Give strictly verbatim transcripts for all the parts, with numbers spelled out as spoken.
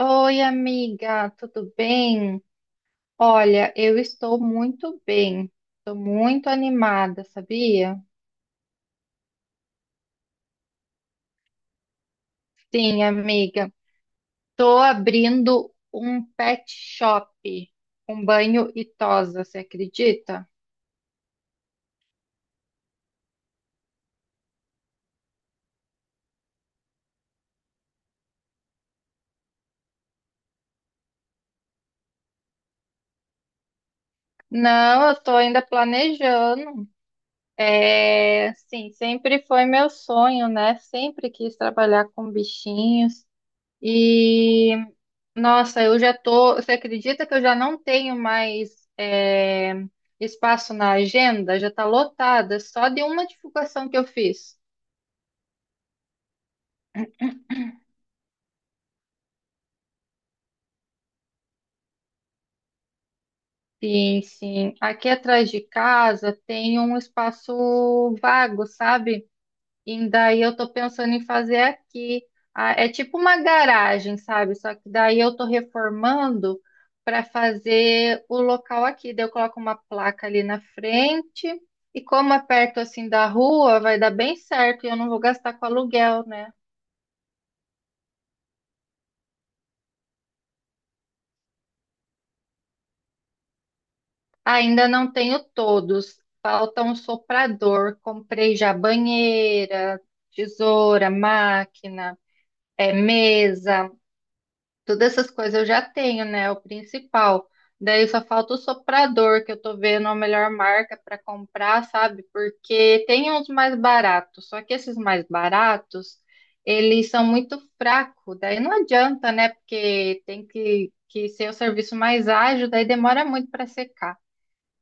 Oi, amiga, tudo bem? Olha, eu estou muito bem, estou muito animada, sabia? Sim, amiga, estou abrindo um pet shop com banho e tosa, você acredita? Não, eu estou ainda planejando. É, sim, sempre foi meu sonho, né? Sempre quis trabalhar com bichinhos. e Nossa, eu já tô. Você acredita que eu já não tenho mais é, espaço na agenda? Já tá lotada, só de uma divulgação que eu fiz. Sim, sim. Aqui atrás de casa tem um espaço vago, sabe? E daí eu tô pensando em fazer aqui. Ah, é tipo uma garagem, sabe? Só que daí eu tô reformando para fazer o local aqui. Daí eu coloco uma placa ali na frente. E como é perto assim da rua, vai dar bem certo e eu não vou gastar com aluguel, né? Ainda não tenho todos. Falta um soprador. Comprei já banheira, tesoura, máquina, é, mesa. Todas essas coisas eu já tenho, né? O principal. Daí só falta o soprador, que eu tô vendo a melhor marca para comprar, sabe? Porque tem uns mais baratos, só que esses mais baratos, eles são muito fracos. Daí não adianta, né? Porque tem que, que ser o serviço mais ágil, daí demora muito para secar.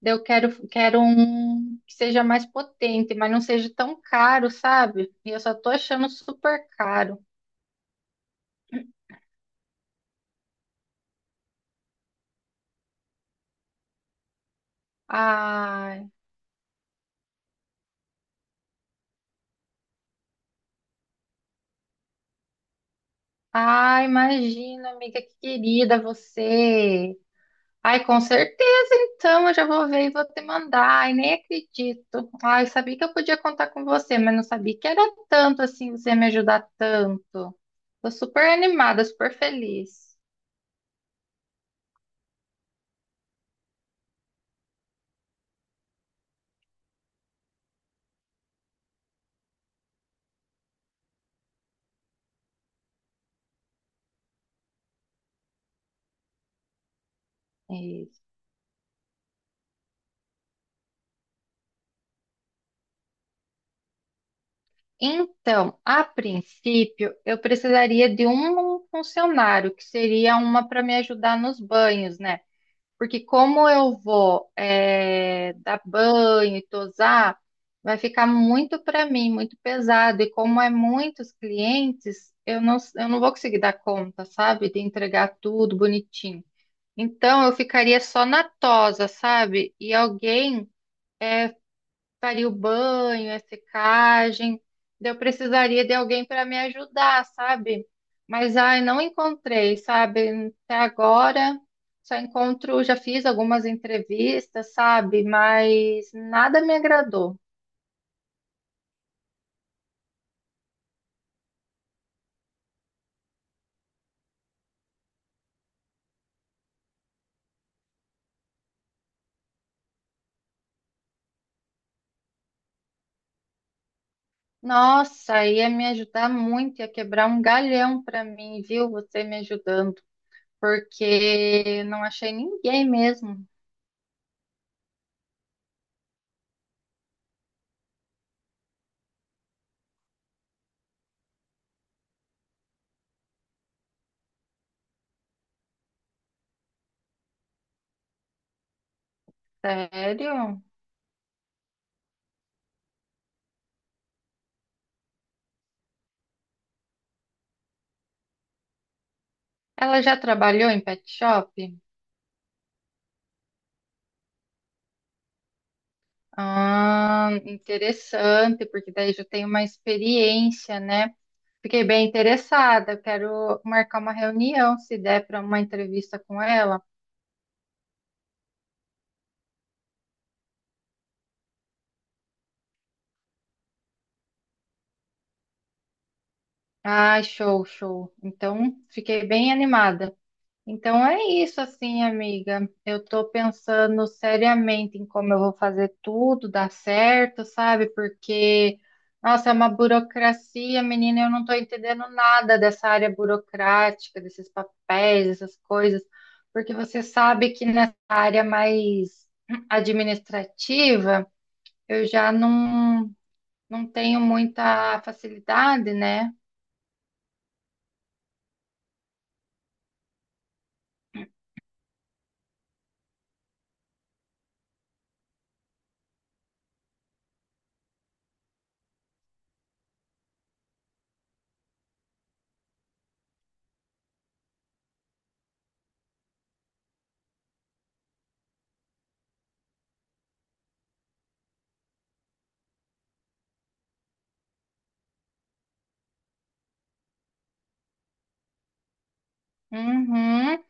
Daí eu quero, quero um que seja mais potente, mas não seja tão caro, sabe? E eu só tô achando super caro. Ah. Ah, imagina, amiga, que querida você. Ai, com certeza, então, eu já vou ver e vou te mandar. Ai, nem acredito. Ai, sabia que eu podia contar com você, mas não sabia que era tanto assim, você ia me ajudar tanto. Tô super animada, super feliz. É isso. Então, a princípio, eu precisaria de um funcionário, que seria uma para me ajudar nos banhos, né? Porque como eu vou eh, dar banho e tosar, vai ficar muito para mim, muito pesado. E como é muitos clientes, eu não, eu não vou conseguir dar conta, sabe? De entregar tudo bonitinho. Então eu ficaria só na tosa, sabe? E alguém faria o banho, a secagem. Daí eu precisaria de alguém para me ajudar, sabe? Mas ai, não encontrei, sabe? Até agora só encontro, já fiz algumas entrevistas, sabe? Mas nada me agradou. Nossa, ia me ajudar muito, ia quebrar um galhão para mim, viu? Você me ajudando, porque não achei ninguém mesmo. Sério? Ela já trabalhou em pet shop? Ah, interessante, porque daí já tenho uma experiência, né? Fiquei bem interessada, quero marcar uma reunião, se der para uma entrevista com ela. Ah, show, show. Então, fiquei bem animada. Então é isso, assim, amiga. Eu tô pensando seriamente em como eu vou fazer tudo dar certo, sabe? Porque, nossa, é uma burocracia, menina, eu não tô entendendo nada dessa área burocrática, desses papéis, essas coisas. Porque você sabe que nessa área mais administrativa, eu já não, não tenho muita facilidade, né? Uhum.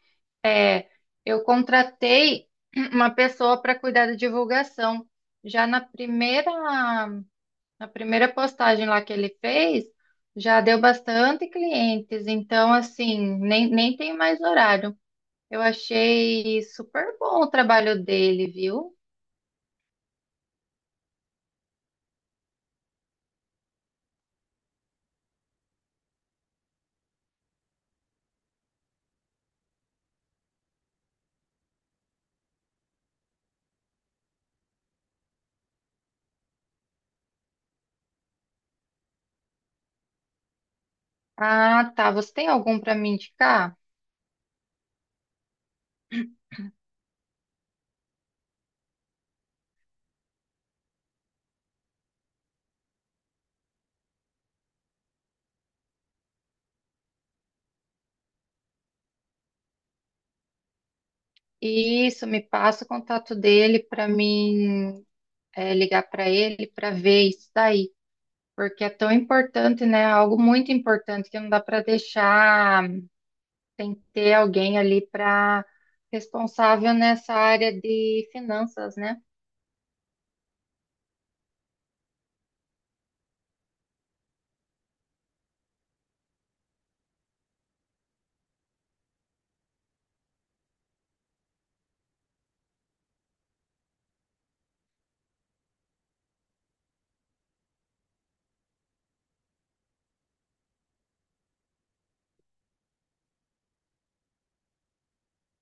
É, eu contratei uma pessoa para cuidar da divulgação. Já na primeira, na primeira postagem lá que ele fez, já deu bastante clientes. Então, assim, nem, nem tem mais horário. Eu achei super bom o trabalho dele, viu? Ah, tá. Você tem algum para me indicar? Isso, me passa o contato dele para mim, é, ligar para ele para ver isso daí. Porque é tão importante, né? Algo muito importante que não dá para deixar, tem que ter alguém ali para responsável nessa área de finanças, né?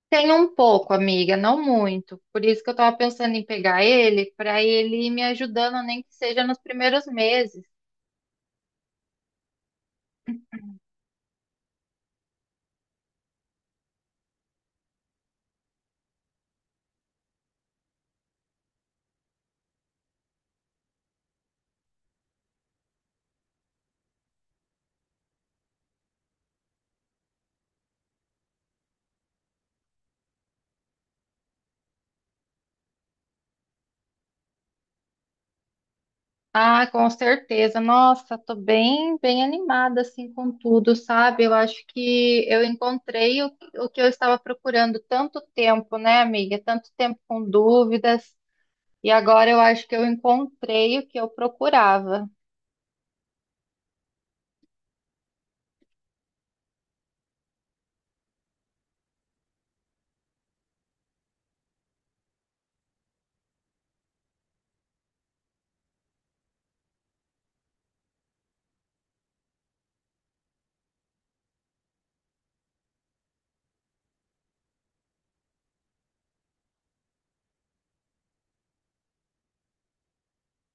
Tem um pouco, amiga, não muito. Por isso que eu estava pensando em pegar ele, para ele ir me ajudando, nem que seja nos primeiros meses. Ah, com certeza. Nossa, tô bem, bem animada assim com tudo, sabe? Eu acho que eu encontrei o, o que eu estava procurando tanto tempo, né, amiga? Tanto tempo com dúvidas, e agora eu acho que eu encontrei o que eu procurava.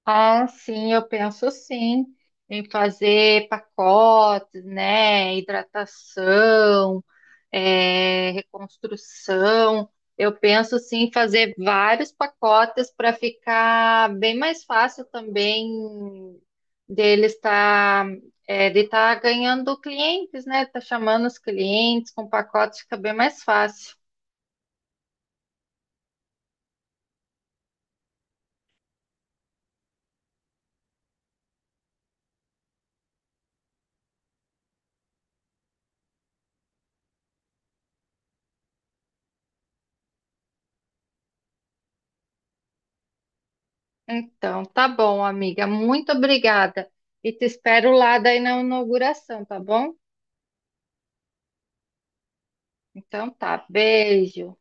Ah, sim, eu penso sim em fazer pacotes, né? Hidratação, eh, reconstrução. Eu penso sim em fazer vários pacotes para ficar bem mais fácil também dele estar, eh, de estar ganhando clientes, né? Tá chamando os clientes com pacotes, fica bem mais fácil. Então, tá bom, amiga. Muito obrigada. E te espero lá daí na inauguração, tá bom? Então tá, beijo.